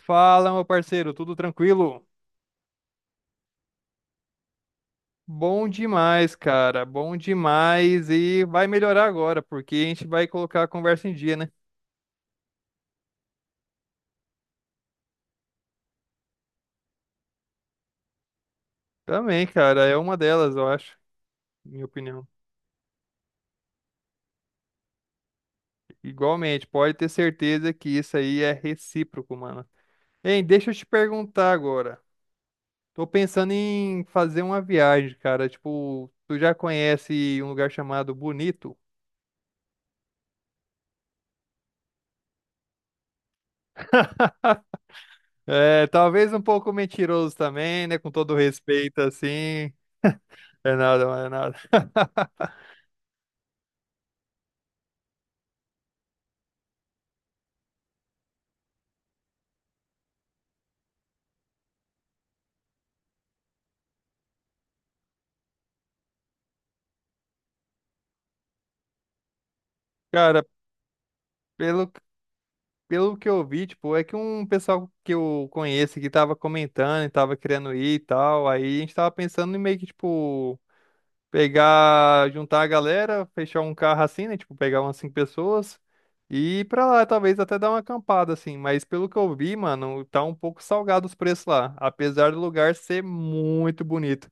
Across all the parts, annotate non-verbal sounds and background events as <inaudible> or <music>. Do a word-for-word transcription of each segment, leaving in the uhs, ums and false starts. Fala, meu parceiro, tudo tranquilo? Bom demais, cara, bom demais e vai melhorar agora, porque a gente vai colocar a conversa em dia, né? Também, cara, é uma delas, eu acho, minha opinião. Igualmente, pode ter certeza que isso aí é recíproco, mano. Hein, deixa eu te perguntar agora. Tô pensando em fazer uma viagem, cara. Tipo, tu já conhece um lugar chamado Bonito? É, talvez um pouco mentiroso também, né? Com todo respeito, assim. É nada, mano, é nada. <laughs> Cara, pelo, pelo que eu vi, tipo, é que um pessoal que eu conheço que tava comentando e tava querendo ir e tal, aí a gente tava pensando em meio que, tipo, pegar, juntar a galera, fechar um carro assim, né? Tipo, pegar umas cinco pessoas e ir pra lá, talvez até dar uma acampada, assim. Mas pelo que eu vi, mano, tá um pouco salgado os preços lá, apesar do lugar ser muito bonito.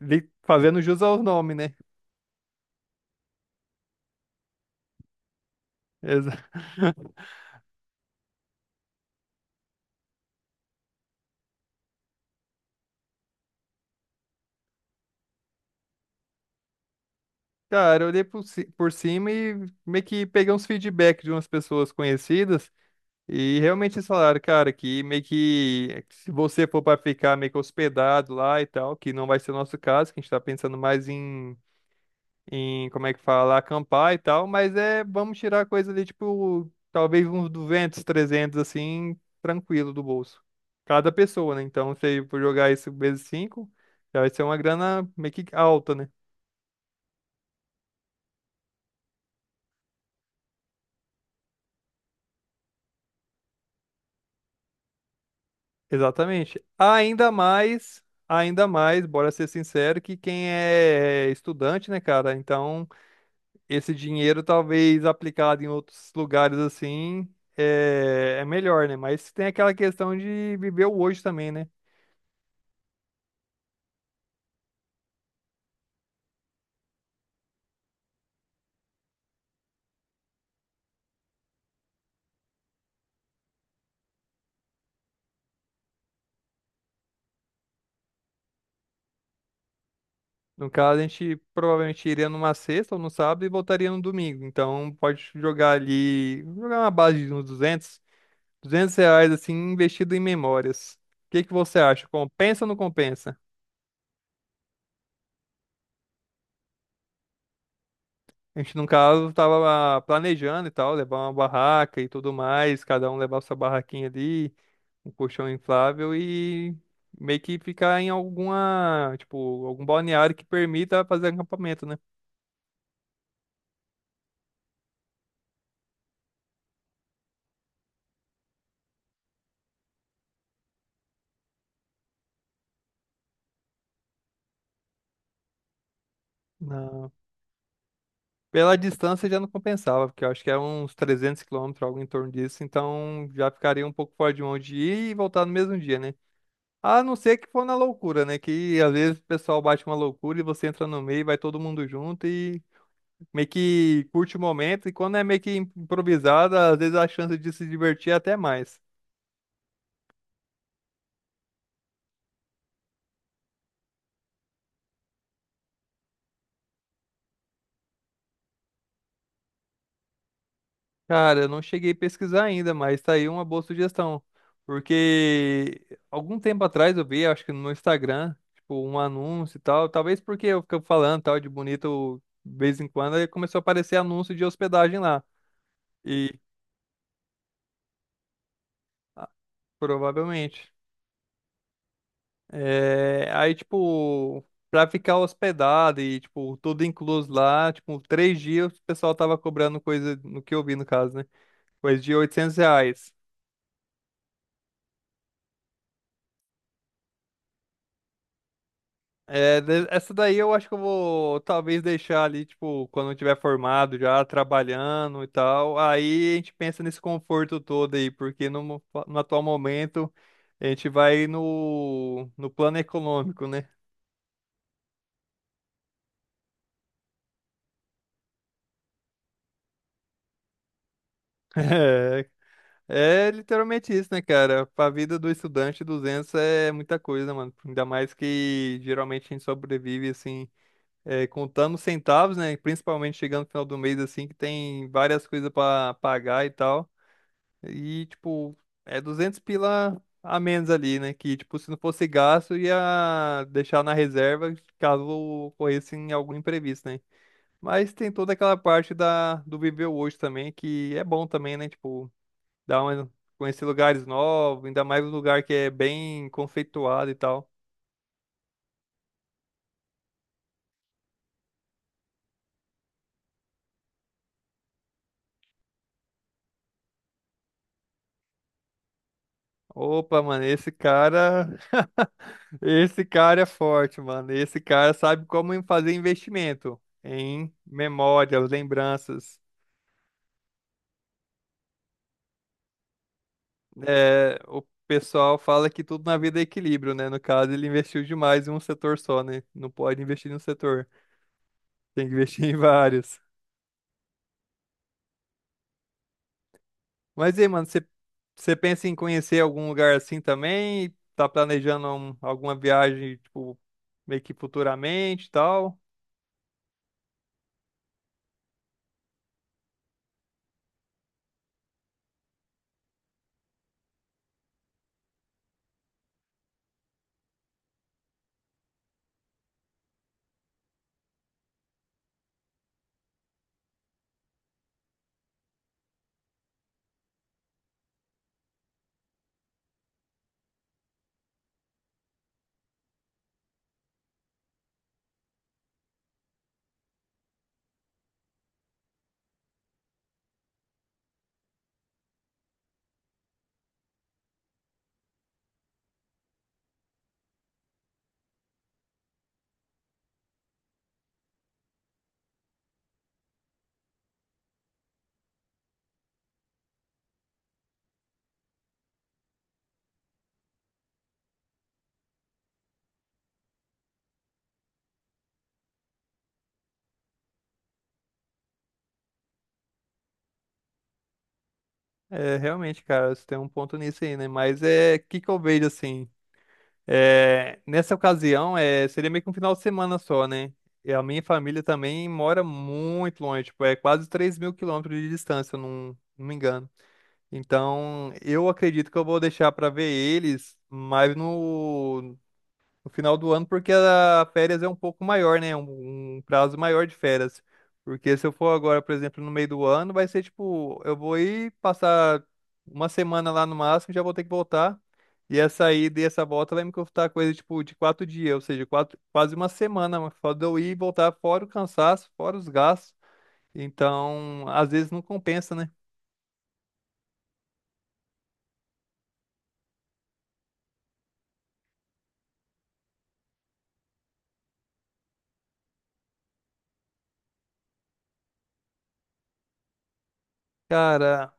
Li- Fazendo jus ao nome, né? <laughs> Exato. Cara, eu olhei por, ci- por cima e meio que peguei uns feedback de umas pessoas conhecidas e realmente eles falaram, cara, que meio que se você for para ficar meio que hospedado lá e tal, que não vai ser o nosso caso, que a gente tá pensando mais em, em como é que fala, acampar e tal, mas é, vamos tirar coisa ali, tipo, talvez uns duzentos, trezentos assim, tranquilo do bolso. Cada pessoa, né? Então, se for jogar isso vezes cinco já vai ser uma grana meio que alta, né? Exatamente. Ainda mais, ainda mais, bora ser sincero, que quem é estudante, né, cara? Então, esse dinheiro talvez aplicado em outros lugares assim é, é melhor, né? Mas tem aquela questão de viver o hoje também, né? No caso, a gente provavelmente iria numa sexta ou no sábado e voltaria no domingo. Então, pode jogar ali, jogar uma base de uns duzentos, duzentos reais, assim, investido em memórias. O que que você acha? Compensa ou não compensa? A gente, no caso, tava planejando e tal, levar uma barraca e tudo mais, cada um levar sua barraquinha ali, um colchão inflável e meio que ficar em alguma, tipo, algum balneário que permita fazer acampamento, né? Na- Pela distância já não compensava, porque eu acho que é uns trezentos quilômetros, algo em torno disso, então já ficaria um pouco fora de mão de ir e voltar no mesmo dia, né? A não ser que for na loucura, né? Que às vezes o pessoal bate uma loucura e você entra no meio, vai todo mundo junto e meio que curte o momento, e quando é meio que improvisada, às vezes a chance de se divertir é até mais. Cara, eu não cheguei a pesquisar ainda, mas tá aí uma boa sugestão. Porque algum tempo atrás eu vi, acho que no Instagram, tipo, um anúncio e tal, talvez porque eu fico falando tal de bonito de vez em quando, aí começou a aparecer anúncio de hospedagem lá. E ah, provavelmente. É, aí, tipo, pra ficar hospedado e, tipo, tudo incluso lá, tipo, três dias o pessoal tava cobrando coisa, no que eu vi no caso, né? Coisa de oitocentos reais. É, de- essa daí eu acho que eu vou talvez deixar ali, tipo, quando eu tiver formado já, trabalhando e tal. Aí a gente pensa nesse conforto todo aí, porque no, mo- no atual momento a gente vai no, no plano econômico, né? <laughs> É literalmente isso, né, cara? Pra vida do estudante, duzentos é muita coisa, mano. Ainda mais que geralmente a gente sobrevive, assim, é, contando centavos, né? Principalmente chegando no final do mês, assim, que tem várias coisas pra pagar e tal. E, tipo, é duzentos pila a menos ali, né? Que, tipo, se não fosse gasto, ia deixar na reserva caso ocorresse em algum imprevisto, né? Mas tem toda aquela parte da, do viver hoje também, que é bom também, né? Tipo, Dá uma, conhecer lugares novos, ainda mais um lugar que é bem conceituado e tal. Opa, mano, esse cara. <laughs> Esse cara é forte, mano. Esse cara sabe como em fazer investimento em memórias, lembranças. É, o pessoal fala que tudo na vida é equilíbrio, né? No caso, ele investiu demais em um setor só, né? Não pode investir em um setor, tem que investir em vários. Mas e aí, mano, você você pensa em conhecer algum lugar assim também? Tá planejando um- alguma viagem, tipo, meio que futuramente e tal? É, realmente, cara, você tem um ponto nisso aí, né? Mas é, o que que eu vejo assim? É, nessa ocasião, é, seria meio que um final de semana só, né? E a minha família também mora muito longe, tipo, é quase três mil quilômetros de distância, eu não, não me engano. Então, eu acredito que eu vou deixar pra ver eles mais no, no final do ano, porque a férias é um pouco maior, né? Um, um prazo maior de férias. Porque se eu for agora, por exemplo, no meio do ano, vai ser tipo, eu vou ir passar uma semana lá no máximo, já vou ter que voltar. E essa ida e essa volta vai me custar coisa tipo de quatro dias, ou seja, quatro, quase uma semana, mas só de eu ir e voltar, fora o cansaço, fora os gastos. Então, às vezes não compensa, né? Cara,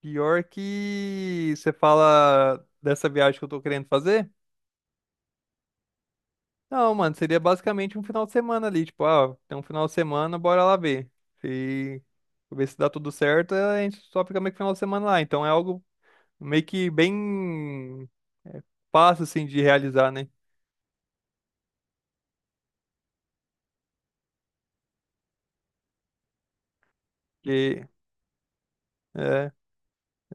pior que você fala dessa viagem que eu tô querendo fazer. Não, mano, seria basicamente um final de semana ali, tipo, ah, tem um final de semana, bora lá ver. Se ver se dá tudo certo, a gente só fica meio que final de semana lá. Então é algo meio que bem é, fácil, assim, de realizar, né? Porque, é,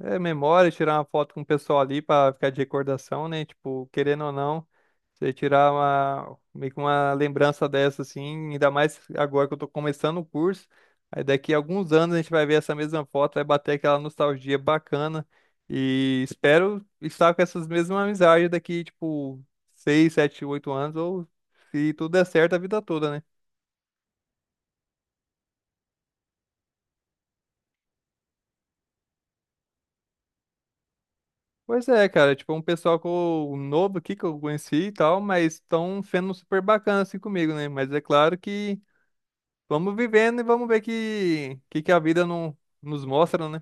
É memória, tirar uma foto com o pessoal ali pra ficar de recordação, né? Tipo, querendo ou não, você tirar uma, meio que uma lembrança dessa, assim, ainda mais agora que eu tô começando o curso. Aí daqui a alguns anos a gente vai ver essa mesma foto, vai bater aquela nostalgia bacana. E espero estar com essas mesmas amizades daqui, tipo, seis, sete, oito anos, ou se tudo der certo, a vida toda, né? Pois é, cara, tipo, um pessoal que eu- um novo aqui que eu conheci e tal, mas estão sendo super bacana assim comigo, né? Mas é claro que vamos vivendo e vamos ver que que, que a vida não, nos mostra, né?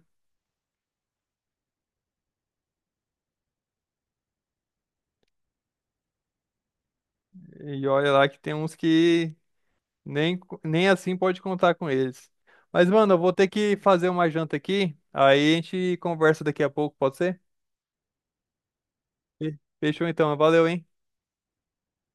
E olha lá que tem uns que nem, co- nem assim pode contar com eles. Mas, mano, eu vou ter que fazer uma janta aqui, aí a gente conversa daqui a pouco, pode ser? Fe- Fechou então, valeu, hein?